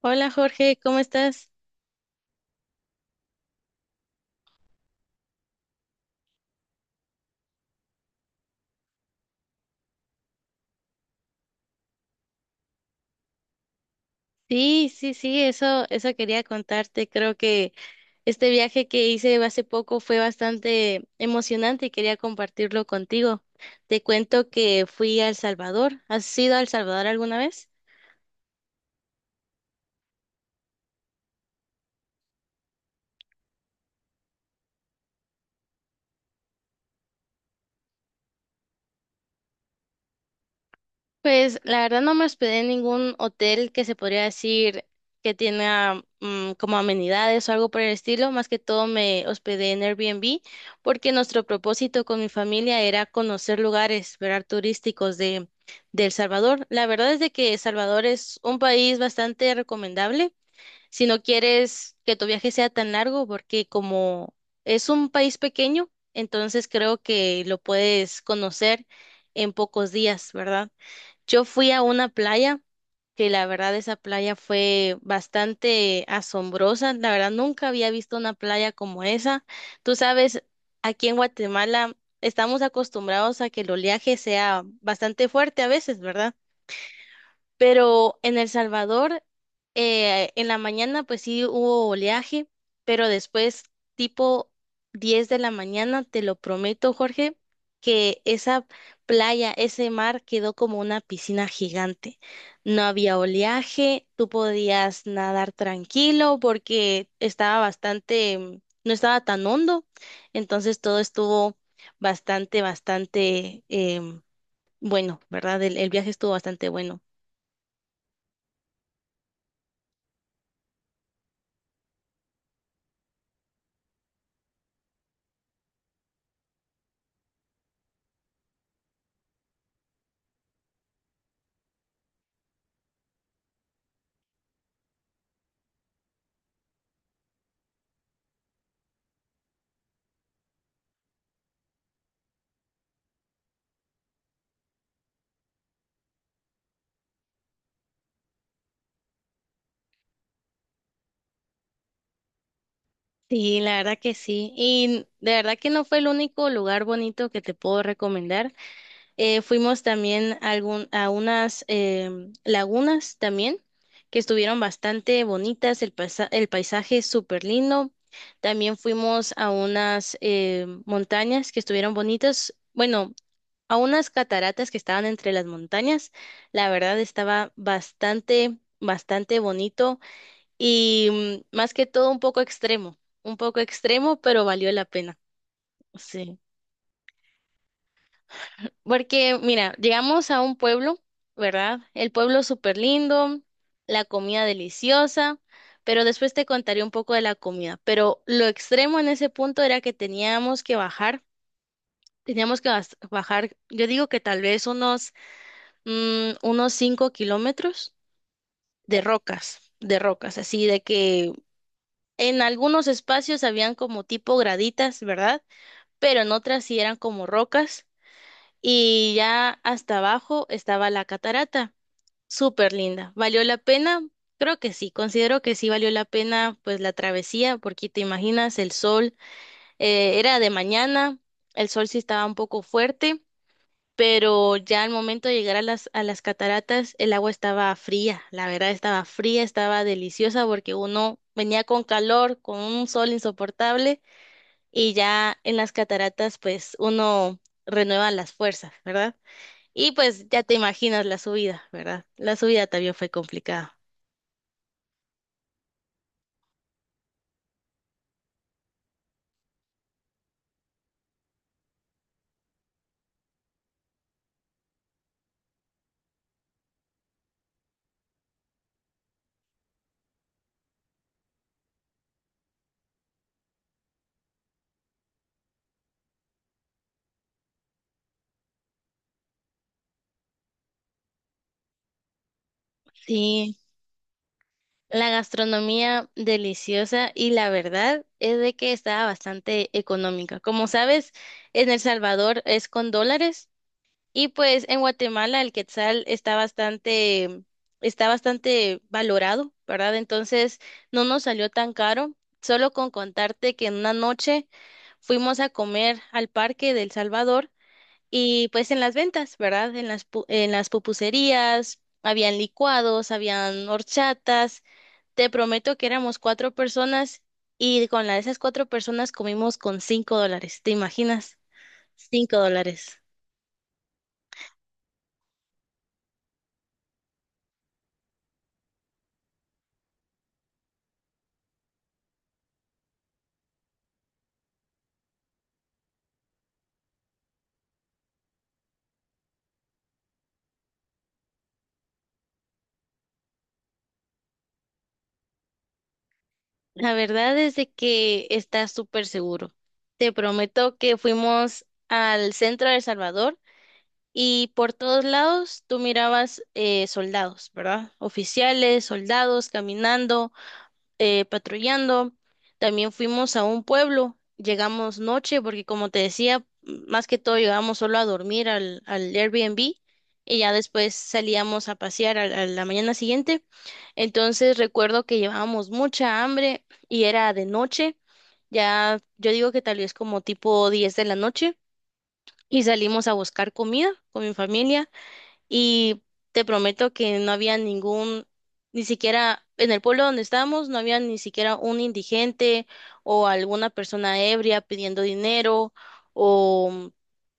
Hola Jorge, ¿cómo estás? Sí, sí, sí, eso quería contarte. Creo que este viaje que hice hace poco fue bastante emocionante y quería compartirlo contigo. Te cuento que fui a El Salvador. ¿Has ido a El Salvador alguna vez? Pues la verdad no me hospedé en ningún hotel que se podría decir que tenga como amenidades o algo por el estilo. Más que todo me hospedé en Airbnb porque nuestro propósito con mi familia era conocer lugares, ¿verdad? Turísticos de El Salvador. La verdad es de que El Salvador es un país bastante recomendable si no quieres que tu viaje sea tan largo porque como es un país pequeño, entonces creo que lo puedes conocer en pocos días, ¿verdad? Yo fui a una playa, que la verdad esa playa fue bastante asombrosa. La verdad nunca había visto una playa como esa. Tú sabes, aquí en Guatemala estamos acostumbrados a que el oleaje sea bastante fuerte a veces, ¿verdad? Pero en El Salvador, en la mañana, pues sí hubo oleaje, pero después, tipo 10 de la mañana, te lo prometo, Jorge, que esa playa, ese mar quedó como una piscina gigante. No había oleaje, tú podías nadar tranquilo porque estaba bastante, no estaba tan hondo, entonces todo estuvo bastante, bastante bueno, ¿verdad? El viaje estuvo bastante bueno. Sí, la verdad que sí. Y de verdad que no fue el único lugar bonito que te puedo recomendar. Fuimos también a unas lagunas también, que estuvieron bastante bonitas. El, el paisaje es súper lindo. También fuimos a unas montañas que estuvieron bonitas. Bueno, a unas cataratas que estaban entre las montañas. La verdad estaba bastante, bastante bonito y más que todo un poco extremo, pero valió la pena. Sí. Porque, mira, llegamos a un pueblo, ¿verdad? El pueblo súper lindo, la comida deliciosa, pero después te contaré un poco de la comida. Pero lo extremo en ese punto era que teníamos que bajar, teníamos que bajar, yo digo que tal vez unos 5 kilómetros de rocas, así de que en algunos espacios habían como tipo graditas, ¿verdad? Pero en otras sí eran como rocas y ya hasta abajo estaba la catarata. Súper linda. ¿Valió la pena? Creo que sí, considero que sí valió la pena pues la travesía, porque te imaginas el sol, era de mañana, el sol sí estaba un poco fuerte, pero ya al momento de llegar a las, cataratas el agua estaba fría, la verdad estaba fría, estaba deliciosa porque uno venía con calor, con un sol insoportable y ya en las cataratas pues uno renueva las fuerzas, ¿verdad? Y pues ya te imaginas la subida, ¿verdad? La subida también fue complicada. Sí, la gastronomía deliciosa y la verdad es de que estaba bastante económica. Como sabes, en El Salvador es con dólares. Y pues en Guatemala el quetzal está bastante valorado, ¿verdad? Entonces no nos salió tan caro. Solo con contarte que en una noche fuimos a comer al parque del Salvador y pues en las ventas, ¿verdad? En las pupuserías, habían licuados, habían horchatas. Te prometo que éramos cuatro personas y con la de esas cuatro personas comimos con $5. ¿Te imaginas? $5. La verdad es de que está súper seguro. Te prometo que fuimos al centro de El Salvador y por todos lados tú mirabas soldados, ¿verdad? Oficiales, soldados caminando patrullando. También fuimos a un pueblo, llegamos noche porque como te decía, más que todo llegamos solo a dormir al Airbnb y ya después salíamos a pasear la mañana siguiente. Entonces recuerdo que llevábamos mucha hambre y era de noche, ya yo digo que tal vez como tipo 10 de la noche y salimos a buscar comida con mi familia. Y te prometo que no había ni siquiera en el pueblo donde estábamos, no había ni siquiera un indigente o alguna persona ebria pidiendo dinero o,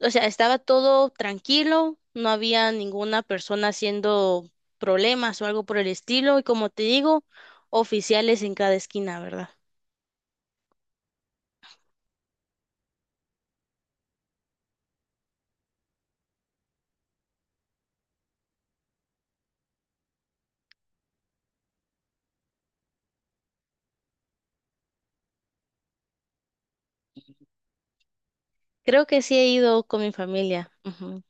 o sea, estaba todo tranquilo, no había ninguna persona haciendo problemas o algo por el estilo y como te digo, oficiales en cada esquina, ¿verdad? Creo que sí he ido con mi familia. Ujú.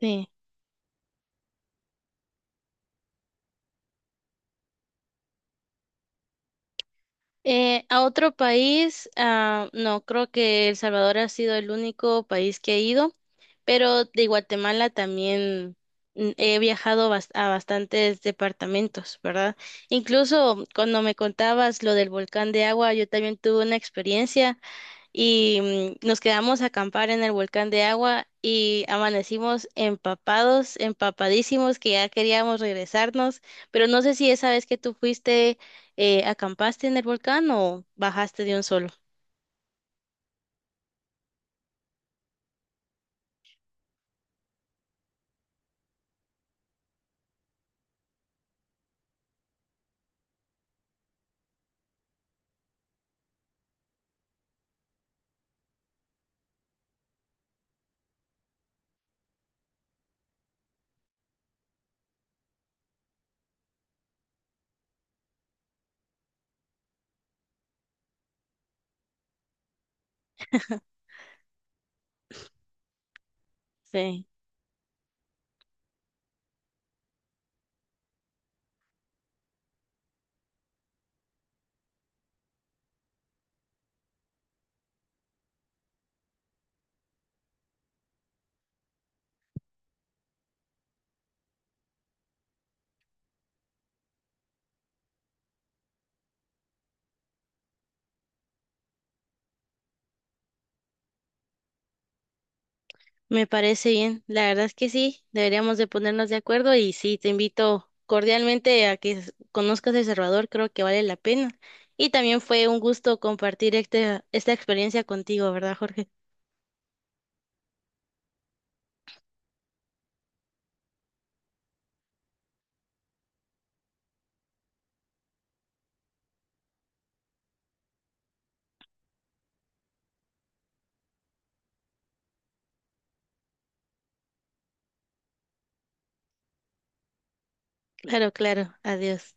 Sí. A otro país, ah, no, creo que El Salvador ha sido el único país que he ido, pero de Guatemala también he viajado a bastantes departamentos, ¿verdad? Incluso cuando me contabas lo del volcán de agua, yo también tuve una experiencia y nos quedamos a acampar en el volcán de agua y amanecimos empapados, empapadísimos, que ya queríamos regresarnos, pero no sé si esa vez que tú fuiste, acampaste en el volcán o bajaste de un solo. Sí, me parece bien, la verdad es que sí, deberíamos de ponernos de acuerdo y sí, te invito cordialmente a que conozcas El Salvador, creo que vale la pena. Y también fue un gusto compartir esta experiencia contigo, ¿verdad, Jorge? Claro, claro, adiós.